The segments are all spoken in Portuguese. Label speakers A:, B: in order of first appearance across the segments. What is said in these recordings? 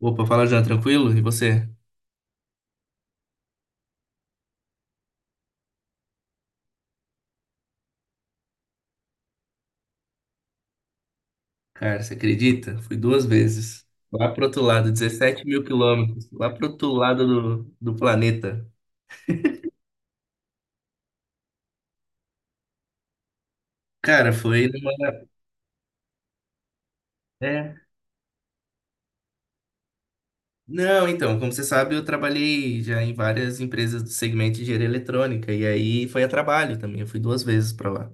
A: Opa, fala já, tranquilo? E você? Cara, você acredita? Fui duas vezes. Lá pro outro lado, 17.000 quilômetros. Lá pro outro lado do planeta. Cara, foi numa. É. Não, então, como você sabe, eu trabalhei já em várias empresas do segmento de engenharia eletrônica. E aí foi a trabalho também. Eu fui duas vezes pra lá.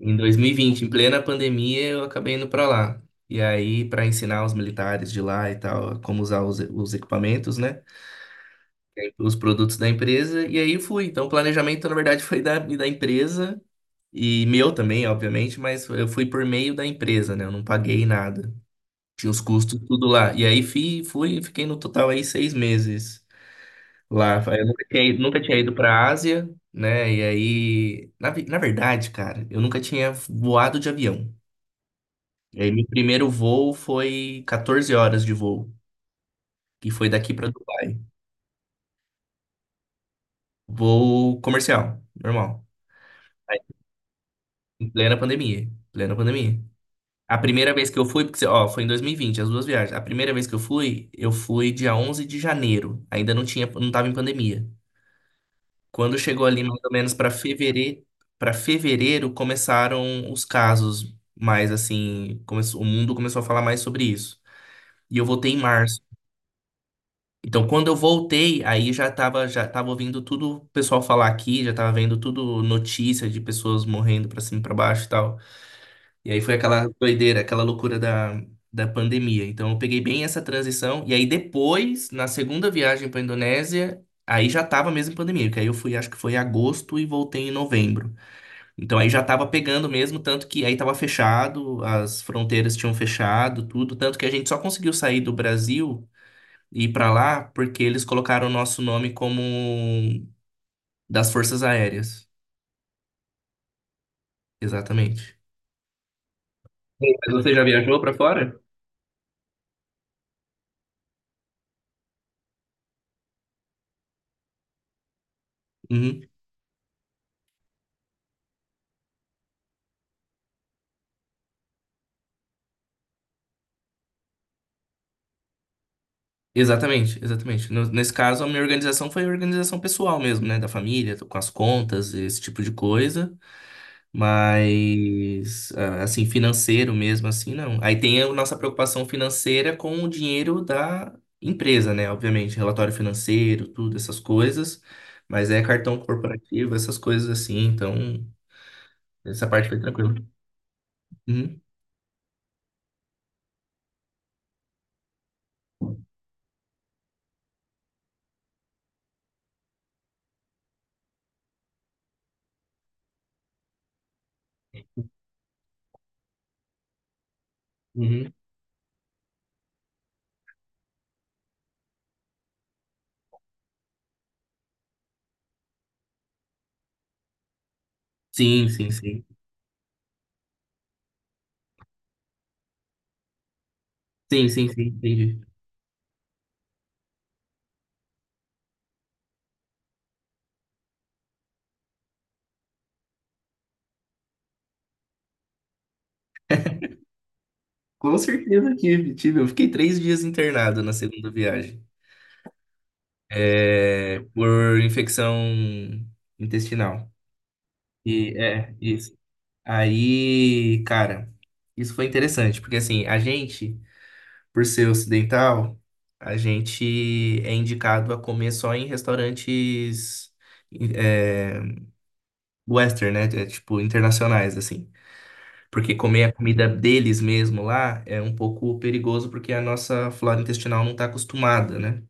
A: Em 2020, em plena pandemia, eu acabei indo pra lá. E aí, pra ensinar os militares de lá e tal, como usar os equipamentos, né? Os produtos da empresa e aí fui. Então, o planejamento, na verdade, foi da empresa e meu também, obviamente, mas eu fui por meio da empresa, né? Eu não paguei nada. Tinha os custos tudo lá. E aí fui, fui fiquei no total aí 6 meses lá. Eu nunca nunca tinha ido para Ásia, né? E aí, na verdade, cara, eu nunca tinha voado de avião. E aí, meu primeiro voo foi 14 horas de voo, que foi daqui para Dubai. Voo comercial, normal. Em plena pandemia. Plena pandemia. A primeira vez que eu fui, porque, ó, foi em 2020 as duas viagens. A primeira vez que eu fui dia 11 de janeiro. Ainda não tinha, não tava em pandemia. Quando chegou ali mais ou menos para fevereiro começaram os casos, mais assim, começou, o mundo começou a falar mais sobre isso. E eu voltei em março. Então, quando eu voltei, aí já tava ouvindo tudo o pessoal falar aqui, já tava vendo tudo notícia de pessoas morrendo pra cima e pra baixo e tal. E aí foi aquela doideira, aquela loucura da pandemia. Então eu peguei bem essa transição. E aí depois, na segunda viagem para Indonésia, aí já tava mesmo pandemia, porque aí eu fui, acho que foi em agosto e voltei em novembro. Então aí já tava pegando mesmo, tanto que aí tava fechado, as fronteiras tinham fechado, tudo, tanto que a gente só conseguiu sair do Brasil e ir para lá porque eles colocaram o nosso nome como das Forças Aéreas. Exatamente. Sim, mas você já viajou para fora? Uhum. Exatamente, exatamente. Nesse caso, a minha organização foi organização pessoal mesmo, né? Da família, com as contas, esse tipo de coisa. Mas, ah, assim, financeiro mesmo, assim, não. Aí tem a nossa preocupação financeira com o dinheiro da empresa, né? Obviamente, relatório financeiro, tudo, essas coisas. Mas é cartão corporativo, essas coisas assim. Então, essa parte foi tranquila. Uhum, uhum. Sim, sim, sim. Sim, sim, sim, entendi. Com certeza tive, tive. Eu fiquei 3 dias internado na segunda viagem. É, por infecção intestinal. E é, isso. Aí, cara, isso foi interessante, porque assim, a gente, por ser ocidental, a gente é indicado a comer só em restaurantes é, western, né? É, tipo, internacionais, assim. Porque comer a comida deles mesmo lá é um pouco perigoso, porque a nossa flora intestinal não tá acostumada, né?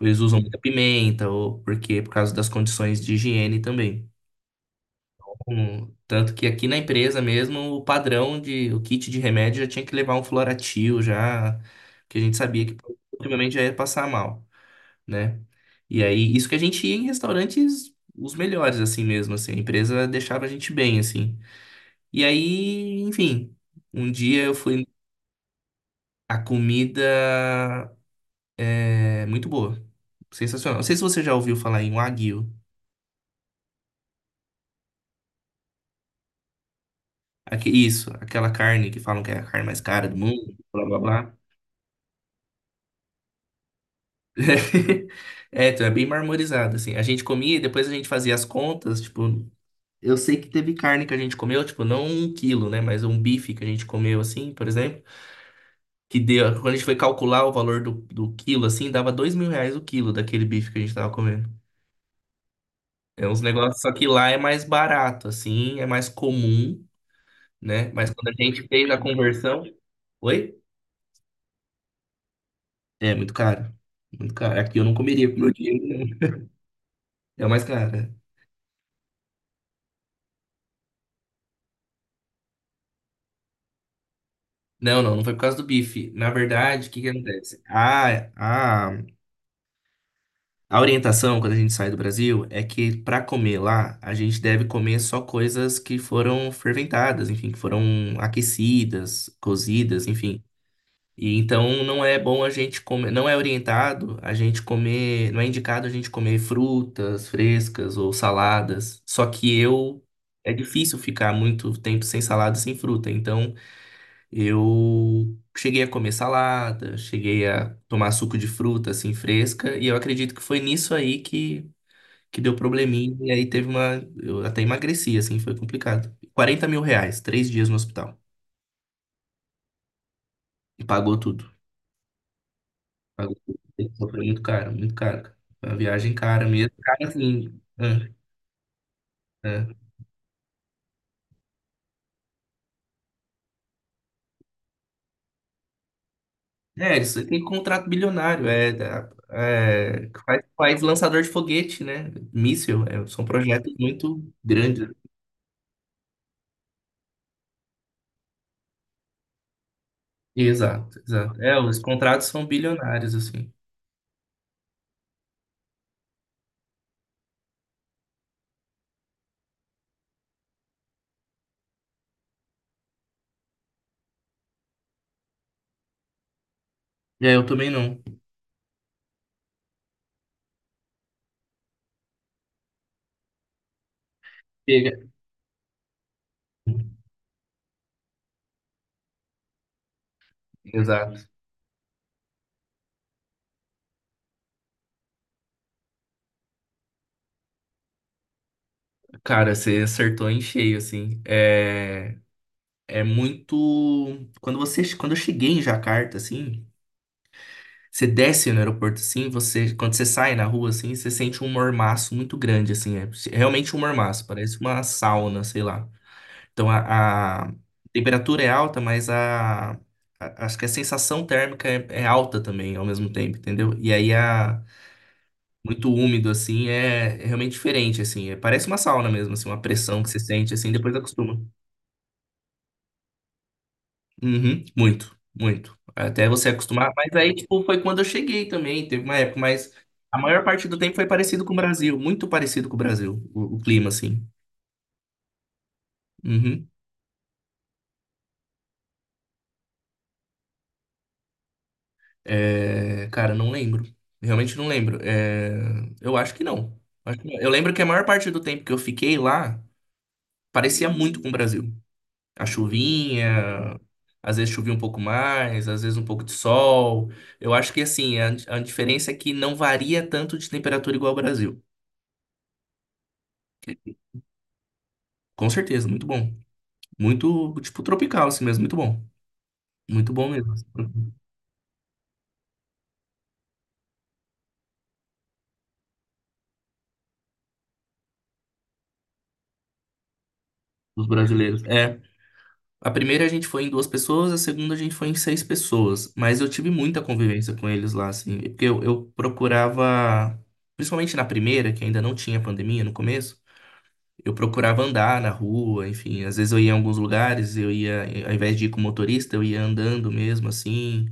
A: Eles usam muita pimenta, ou porque por causa das condições de higiene também. Tanto que aqui na empresa mesmo, o padrão de o kit de remédio já tinha que levar um Floratil já, que a gente sabia que ultimamente já ia passar mal, né? E aí, isso que a gente ia em restaurantes os melhores assim mesmo, assim, a empresa deixava a gente bem assim. E aí, enfim, um dia eu fui a comida é muito boa, sensacional. Não sei se você já ouviu falar em Wagyu. Aqui, isso, aquela carne que falam que é a carne mais cara do mundo, blá blá blá. É, então é bem marmorizado, assim. A gente comia e depois a gente fazia as contas, tipo, eu sei que teve carne que a gente comeu, tipo, não um quilo, né? Mas um bife que a gente comeu, assim, por exemplo, que deu, quando a gente foi calcular o valor do quilo, assim, dava R$ 2.000 o quilo daquele bife que a gente tava comendo. É uns negócios, só que lá é mais barato, assim, é mais comum, né? Mas quando a gente fez a conversão. Oi? É muito caro. Muito caro. Aqui eu não comeria com meu dinheiro, não. É o mais caro. É. Não, não, não foi por causa do bife. Na verdade, o que que acontece? A orientação, quando a gente sai do Brasil, é que para comer lá, a gente deve comer só coisas que foram ferventadas, enfim, que foram aquecidas, cozidas, enfim. E então não é bom a gente comer, não é orientado a gente comer, não é indicado a gente comer frutas frescas ou saladas. Só que eu é difícil ficar muito tempo sem salada, sem fruta. Então eu cheguei a comer salada, cheguei a tomar suco de fruta assim fresca, e eu acredito que foi nisso aí que deu probleminha e aí teve uma, eu até emagreci assim, foi complicado. R$ 40.000, 3 dias no hospital e pagou tudo. Pagou- foi muito caro, muito caro. Cara. Foi uma viagem cara mesmo. Cara, assim. É, é. É, isso aí tem contrato bilionário. É, que faz, faz lançador de foguete, né? Míssil. É, são projetos muito grandes. Exato, exato. É, os contratos são bilionários, assim. É, eu também não. Pega- exato. Cara, você acertou em cheio, assim. É, é muito. Quando você, quando eu cheguei em Jacarta, assim. Você desce no aeroporto assim, você, quando você sai na rua assim, você sente um mormaço muito grande assim, é realmente um mormaço, parece uma sauna, sei lá. Então a temperatura é alta, mas acho que a sensação térmica é, é alta também ao mesmo tempo, entendeu? E aí a muito úmido assim é, é realmente diferente assim, parece uma sauna mesmo, assim, uma pressão que você sente assim, depois acostuma. Uhum, muito, muito. Até você acostumar. Mas aí, tipo, foi quando eu cheguei também. Teve uma época, mas a maior parte do tempo foi parecido com o Brasil. Muito parecido com o Brasil, o clima, assim. Uhum. É, cara, não lembro. Realmente não lembro. É, eu acho que não. Acho que não. Eu lembro que a maior parte do tempo que eu fiquei lá parecia muito com o Brasil. A chuvinha, às vezes chovia um pouco mais, às vezes um pouco de sol. Eu acho que, assim, a diferença é que não varia tanto de temperatura igual ao Brasil. Com certeza, muito bom. Muito, tipo, tropical, assim mesmo, muito bom. Muito bom mesmo, assim, os brasileiros. É, a primeira a gente foi em duas pessoas, a segunda a gente foi em seis pessoas, mas eu tive muita convivência com eles lá, assim, porque eu procurava, principalmente na primeira, que ainda não tinha pandemia no começo, eu procurava andar na rua, enfim, às vezes eu ia em alguns lugares, eu ia, ao invés de ir com motorista, eu ia andando mesmo, assim,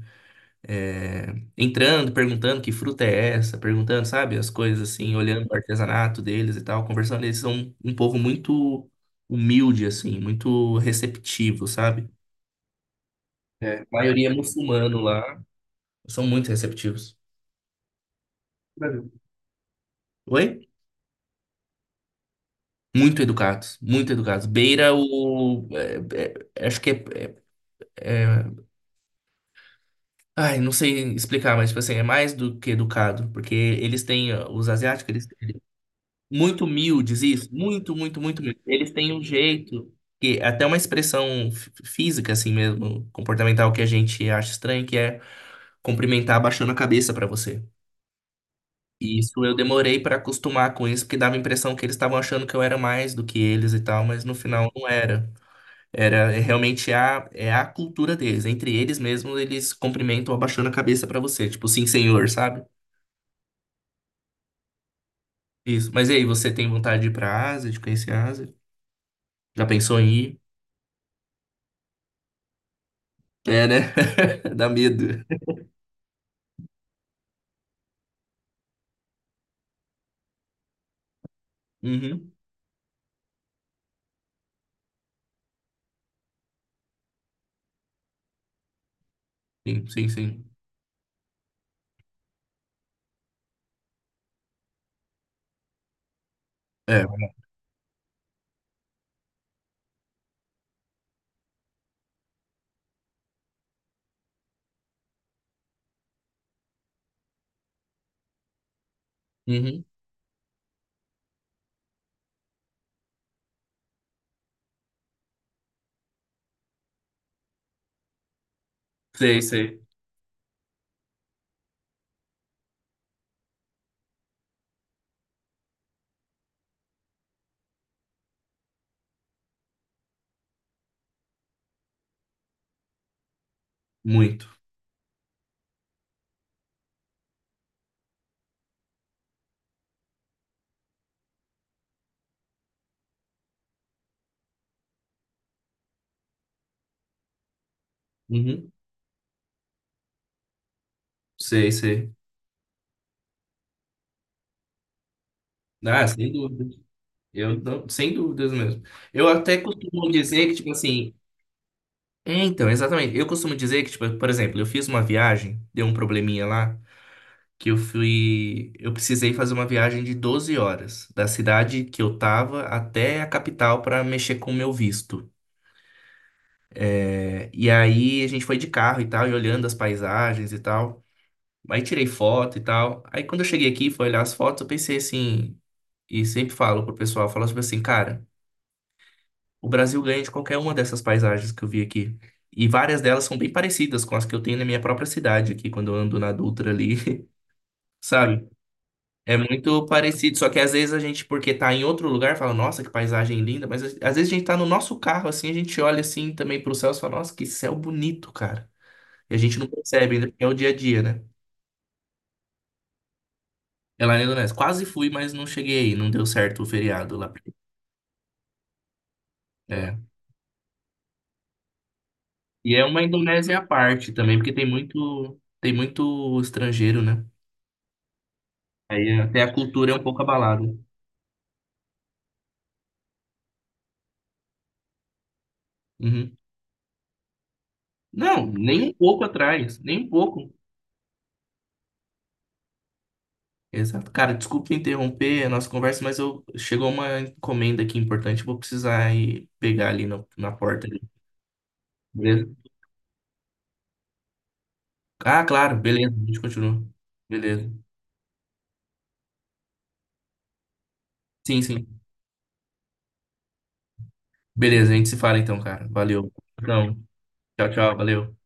A: é, entrando, perguntando que fruta é essa, perguntando, sabe, as coisas assim, olhando o artesanato deles e tal, conversando. Eles são um povo muito humilde, assim, muito receptivo, sabe? É, a maioria é muçulmano lá, são muito receptivos. Brasil. Oi? Muito educados, muito educados. Beira o. É, é, acho que é- ai, não sei explicar, mas, tipo assim, é mais do que educado, porque eles têm. Ó, os asiáticos, eles, muito humildes, isso, muito, muito, muito humildes. Eles têm um jeito, que é até uma expressão física, assim mesmo, comportamental, que a gente acha estranho, que é cumprimentar abaixando a cabeça pra você. E isso eu demorei pra acostumar com isso, porque dava a impressão que eles estavam achando que eu era mais do que eles e tal, mas no final não era. Era é realmente a, é a cultura deles. Entre eles mesmos, eles cumprimentam abaixando a cabeça pra você, tipo, sim, senhor, sabe? Isso. Mas e aí, você tem vontade de ir pra Ásia, de conhecer a Ásia? Já pensou em ir? É, né? Dá medo. Uhum. Sim, sim, sim. É. Uhum. Sei, sei. Muito. Uhum. Sei, sei. Ah, sem dúvidas. Eu não, sem dúvidas mesmo. Eu até costumo dizer que, tipo assim. É, então, exatamente. Eu costumo dizer que, tipo, por exemplo, eu fiz uma viagem, deu um probleminha lá, que eu fui. Eu precisei fazer uma viagem de 12 horas, da cidade que eu tava até a capital pra mexer com o meu visto. É, e aí a gente foi de carro e tal, e olhando as paisagens e tal. Aí tirei foto e tal. Aí quando eu cheguei aqui, e fui olhar as fotos, eu pensei assim, e sempre falo pro pessoal, falo tipo assim, cara, o Brasil ganha de qualquer uma dessas paisagens que eu vi aqui. E várias delas são bem parecidas com as que eu tenho na minha própria cidade aqui, quando eu ando na Dutra ali, sabe? É muito parecido, só que às vezes a gente, porque tá em outro lugar, fala, nossa, que paisagem linda, mas às vezes a gente tá no nosso carro, assim, a gente olha assim também pro céu e fala, nossa, que céu bonito, cara. E a gente não percebe, ainda porque é o dia a dia, né? É lá na Indonésia. Quase fui, mas não cheguei aí. Não deu certo o feriado lá. É. E é uma Indonésia à parte também, porque tem muito estrangeiro, né? Aí até a cultura é um pouco abalada. Uhum. Não, nem um pouco atrás, nem um pouco. Exato. Cara, desculpa interromper a nossa conversa, mas eu chegou uma encomenda aqui importante, vou precisar ir pegar ali na porta ali. Beleza? Ah, claro, beleza. A gente continua. Beleza. Sim, sim. Beleza, a gente se fala então, cara. Valeu. Então, tchau, tchau, valeu.